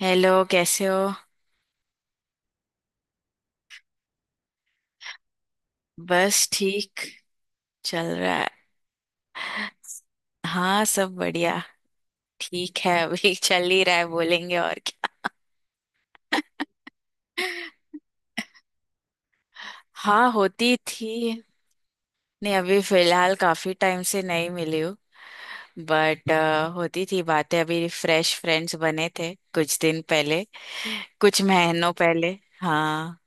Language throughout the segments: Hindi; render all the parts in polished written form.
हेलो कैसे हो। बस ठीक चल रहा है। हाँ सब बढ़िया। ठीक है। अभी चल ही रहा है बोलेंगे और क्या। हाँ होती थी। नहीं अभी फिलहाल काफी टाइम से नहीं मिली हूँ। बट होती थी बातें अभी फ्रेश फ्रेंड्स बने थे कुछ दिन पहले। कुछ महीनों पहले। हाँ।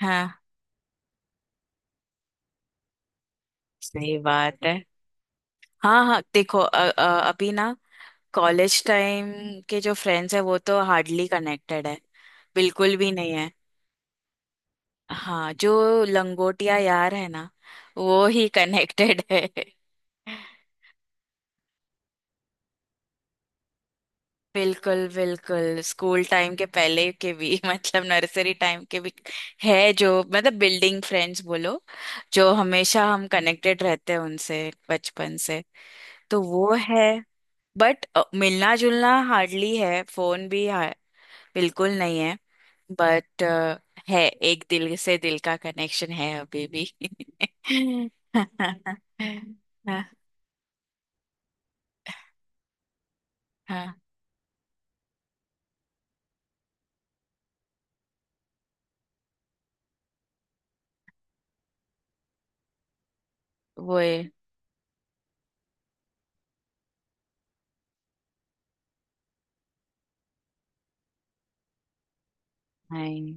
हाँ सही बात है। हाँ हाँ देखो अभी ना। कॉलेज टाइम के जो फ्रेंड्स है वो तो हार्डली कनेक्टेड है। बिल्कुल भी नहीं है। हाँ जो लंगोटिया यार है ना वो ही कनेक्टेड है। बिल्कुल बिल्कुल स्कूल टाइम के पहले के भी मतलब नर्सरी टाइम के भी है जो मतलब बिल्डिंग फ्रेंड्स बोलो। जो हमेशा हम कनेक्टेड रहते हैं उनसे बचपन से। तो वो है। बट मिलना जुलना हार्डली है फोन भी बिल्कुल नहीं है। बट है। एक दिल से दिल का कनेक्शन है अभी भी। हाँ वो है। नहीं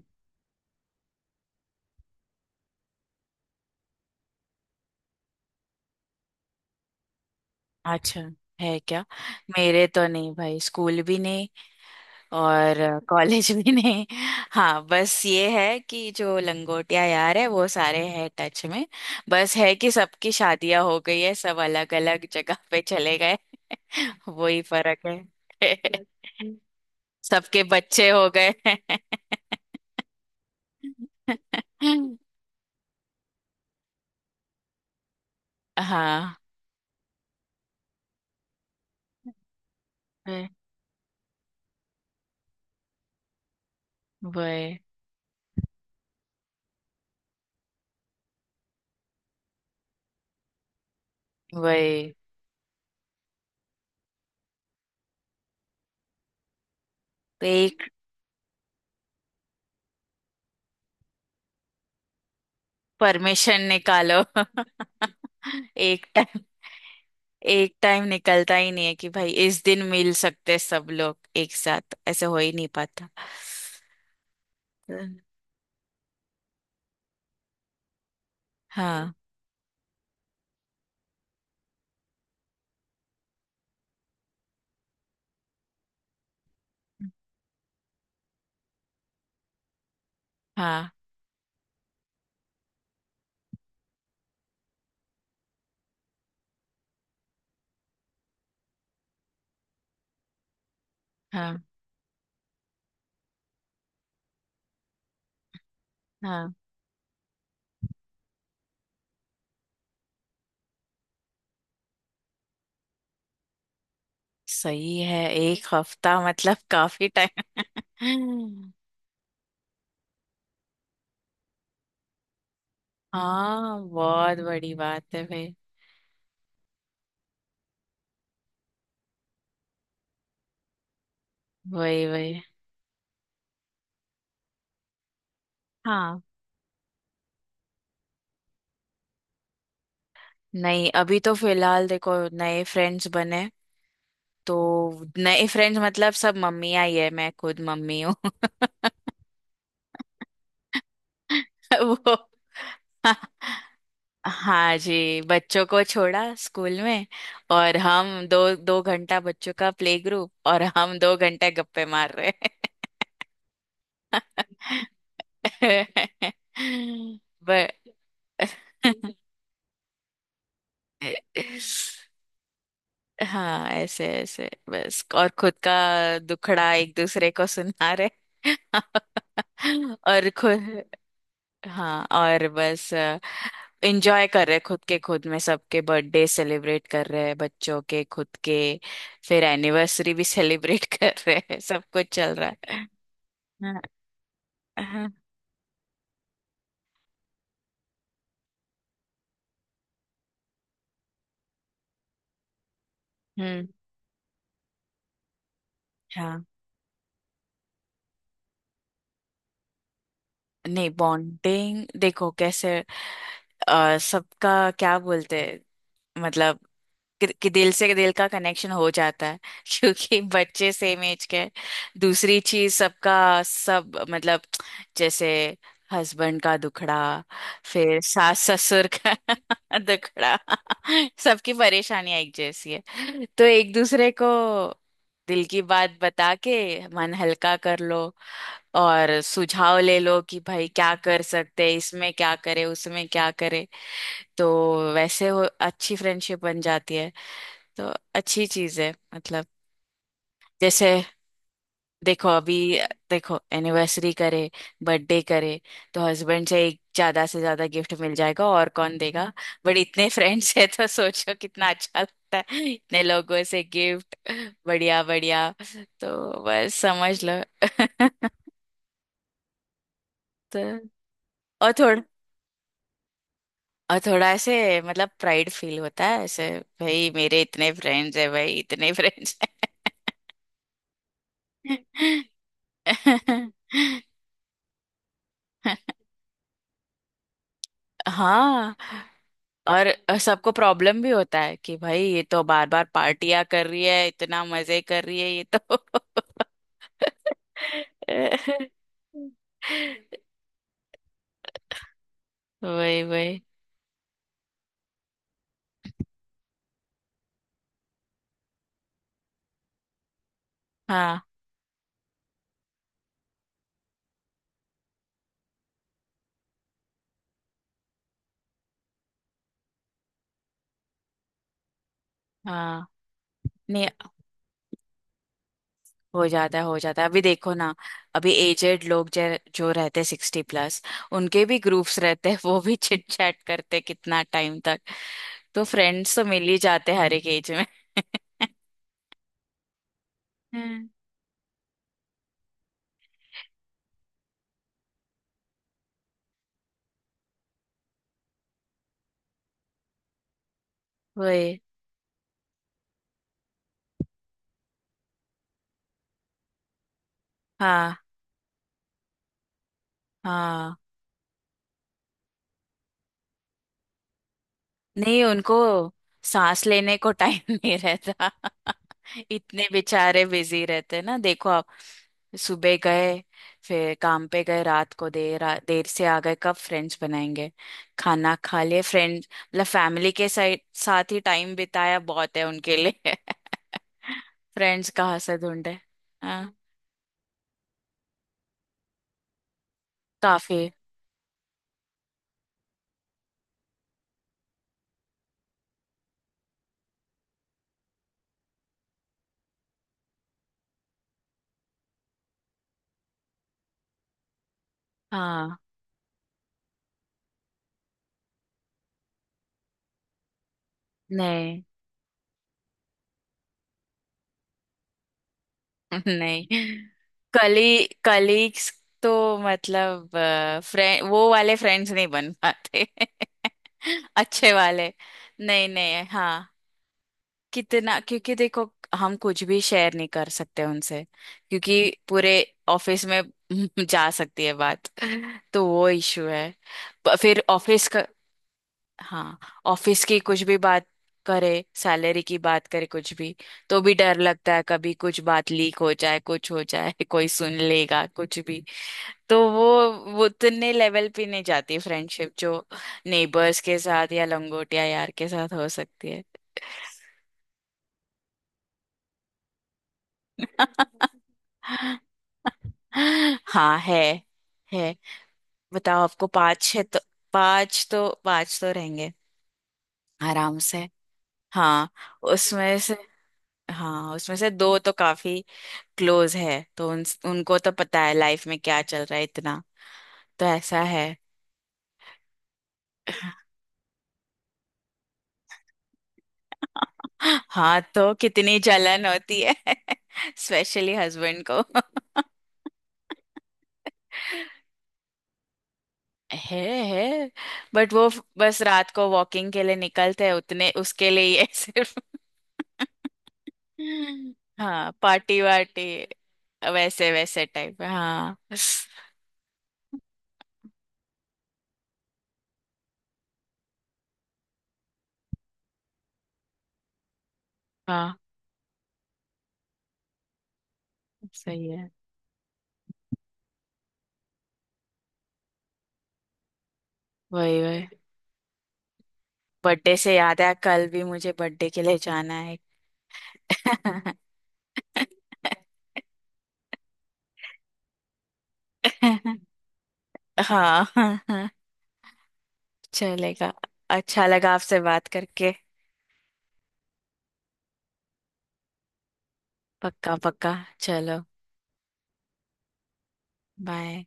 अच्छा है क्या। मेरे तो नहीं भाई स्कूल भी नहीं और कॉलेज भी नहीं। हाँ बस ये है कि जो लंगोटिया यार है वो सारे हैं टच में। बस है कि सबकी शादियां हो गई है सब अलग अलग जगह पे चले गए। वही फर्क है। सबके बच्चे हो गए। हाँ। वही वही। वही। तो एक परमिशन निकालो। एक टाइम एक टाइम निकलता ही नहीं है कि भाई इस दिन मिल सकते हैं सब लोग एक साथ ऐसे हो ही नहीं पाता। हम्म। हाँ। हाँ हाँ हाँ सही है एक हफ्ता मतलब काफी टाइम। हाँ बहुत बड़ी बात है भाई। वही वही। हाँ। नहीं अभी तो फिलहाल देखो नए फ्रेंड्स बने तो नए फ्रेंड्स मतलब सब मम्मियाँ ही है मैं खुद मम्मी हूँ। वो हाँ जी बच्चों को छोड़ा स्कूल में और हम 2-2 घंटा बच्चों का प्ले ग्रुप और हम 2 घंटे गप्पे मार रहे हैं। ब- हाँ ऐसे ऐसे बस और खुद का दुखड़ा एक दूसरे को सुना रहे। और खुद हाँ और बस एंजॉय कर रहे खुद के खुद में सबके बर्थडे सेलिब्रेट कर रहे हैं बच्चों के खुद के। फिर एनिवर्सरी भी सेलिब्रेट कर रहे हैं। सब कुछ चल रहा है। हाँ, हाँ, हम्म। हाँ। नहीं बॉन्डिंग देखो कैसे। सबका क्या बोलते हैं मतलब कि दिल से दिल का कनेक्शन हो जाता है क्योंकि बच्चे सेम एज के हैं। दूसरी चीज सबका सब मतलब जैसे हस्बैंड का दुखड़ा। फिर सास ससुर का दुखड़ा। सबकी परेशानियां एक जैसी है तो एक दूसरे को दिल की बात बता के मन हल्का कर लो और सुझाव ले लो कि भाई क्या कर सकते हैं इसमें क्या करे उसमें क्या करे। तो वैसे वो अच्छी फ्रेंडशिप बन जाती है। तो अच्छी चीज है मतलब जैसे देखो अभी देखो एनिवर्सरी करे बर्थडे करे तो हस्बैंड से एक ज्यादा से ज्यादा गिफ्ट मिल जाएगा और कौन देगा। बट इतने फ्रेंड्स है तो सोचो कितना अच्छा लगता है इतने लोगों से गिफ्ट। बढ़िया बढ़िया। तो बस समझ लो। तो और थोड़ा और थोड़ा ऐसे मतलब प्राइड फील होता है ऐसे। भाई मेरे इतने फ्रेंड्स है भाई इतने फ्रेंड्स है। हाँ और सबको प्रॉब्लम भी होता है कि भाई ये तो बार बार पार्टियां कर रही है इतना मजे कर रही है ये तो। वही वही। हाँ हाँ। नहीं हो जाता है हो जाता है अभी देखो ना। अभी एजेड लोग जो जो रहते हैं 60+ उनके भी ग्रुप्स रहते हैं वो भी चिट चैट करते हैं कितना टाइम तक। तो फ्रेंड्स तो मिल ही जाते हैं हर एक एज में। हम्म, वही। हाँ हाँ। नहीं उनको सांस लेने को टाइम नहीं रहता। इतने बेचारे बिजी रहते हैं ना देखो आप सुबह गए फिर काम पे गए रात को देर देर से आ गए कब फ्रेंड्स बनाएंगे। खाना खा लिए फ्रेंड्स मतलब फैमिली के साथ साथ ही टाइम बिताया बहुत है उनके लिए। फ्रेंड्स कहाँ से ढूंढे। हाँ काफी। हाँ। नहीं। नहीं कली कलीग्स तो मतलब फ्रेंड वो वाले फ्रेंड्स नहीं बन पाते। अच्छे वाले। नहीं नहीं हाँ कितना क्योंकि देखो हम कुछ भी शेयर नहीं कर सकते उनसे क्योंकि पूरे ऑफिस में जा सकती है बात। तो वो इशू है। फिर ऑफिस का। हाँ ऑफिस की कुछ भी बात करे सैलरी की बात करे कुछ भी तो भी डर लगता है कभी कुछ बात लीक हो जाए कुछ हो जाए कोई सुन लेगा कुछ भी। तो वो उतने लेवल पे नहीं जाती फ्रेंडशिप जो नेबर्स के साथ या लंगोटिया यार के साथ हो सकती है। हाँ है है। बताओ आपको पांच है तो पांच तो पांच तो रहेंगे आराम से। हाँ उसमें से हाँ उसमें से दो तो काफी क्लोज है तो उनको तो पता है लाइफ में क्या चल रहा है इतना तो ऐसा है। हाँ तो कितनी जलन होती है। स्पेशली हस्बैंड को। है है बट वो बस रात को वॉकिंग के लिए निकलते हैं उतने उसके लिए ही है सिर्फ। हाँ पार्टी वार्टी वैसे वैसे टाइप। हाँ हाँ सही है। वही वही। बर्थडे से याद है कल भी मुझे बर्थडे के लिए जाना है। हाँ हाँ हाँ चलेगा। अच्छा लगा आपसे बात करके। पक्का पक्का। चलो। बाय।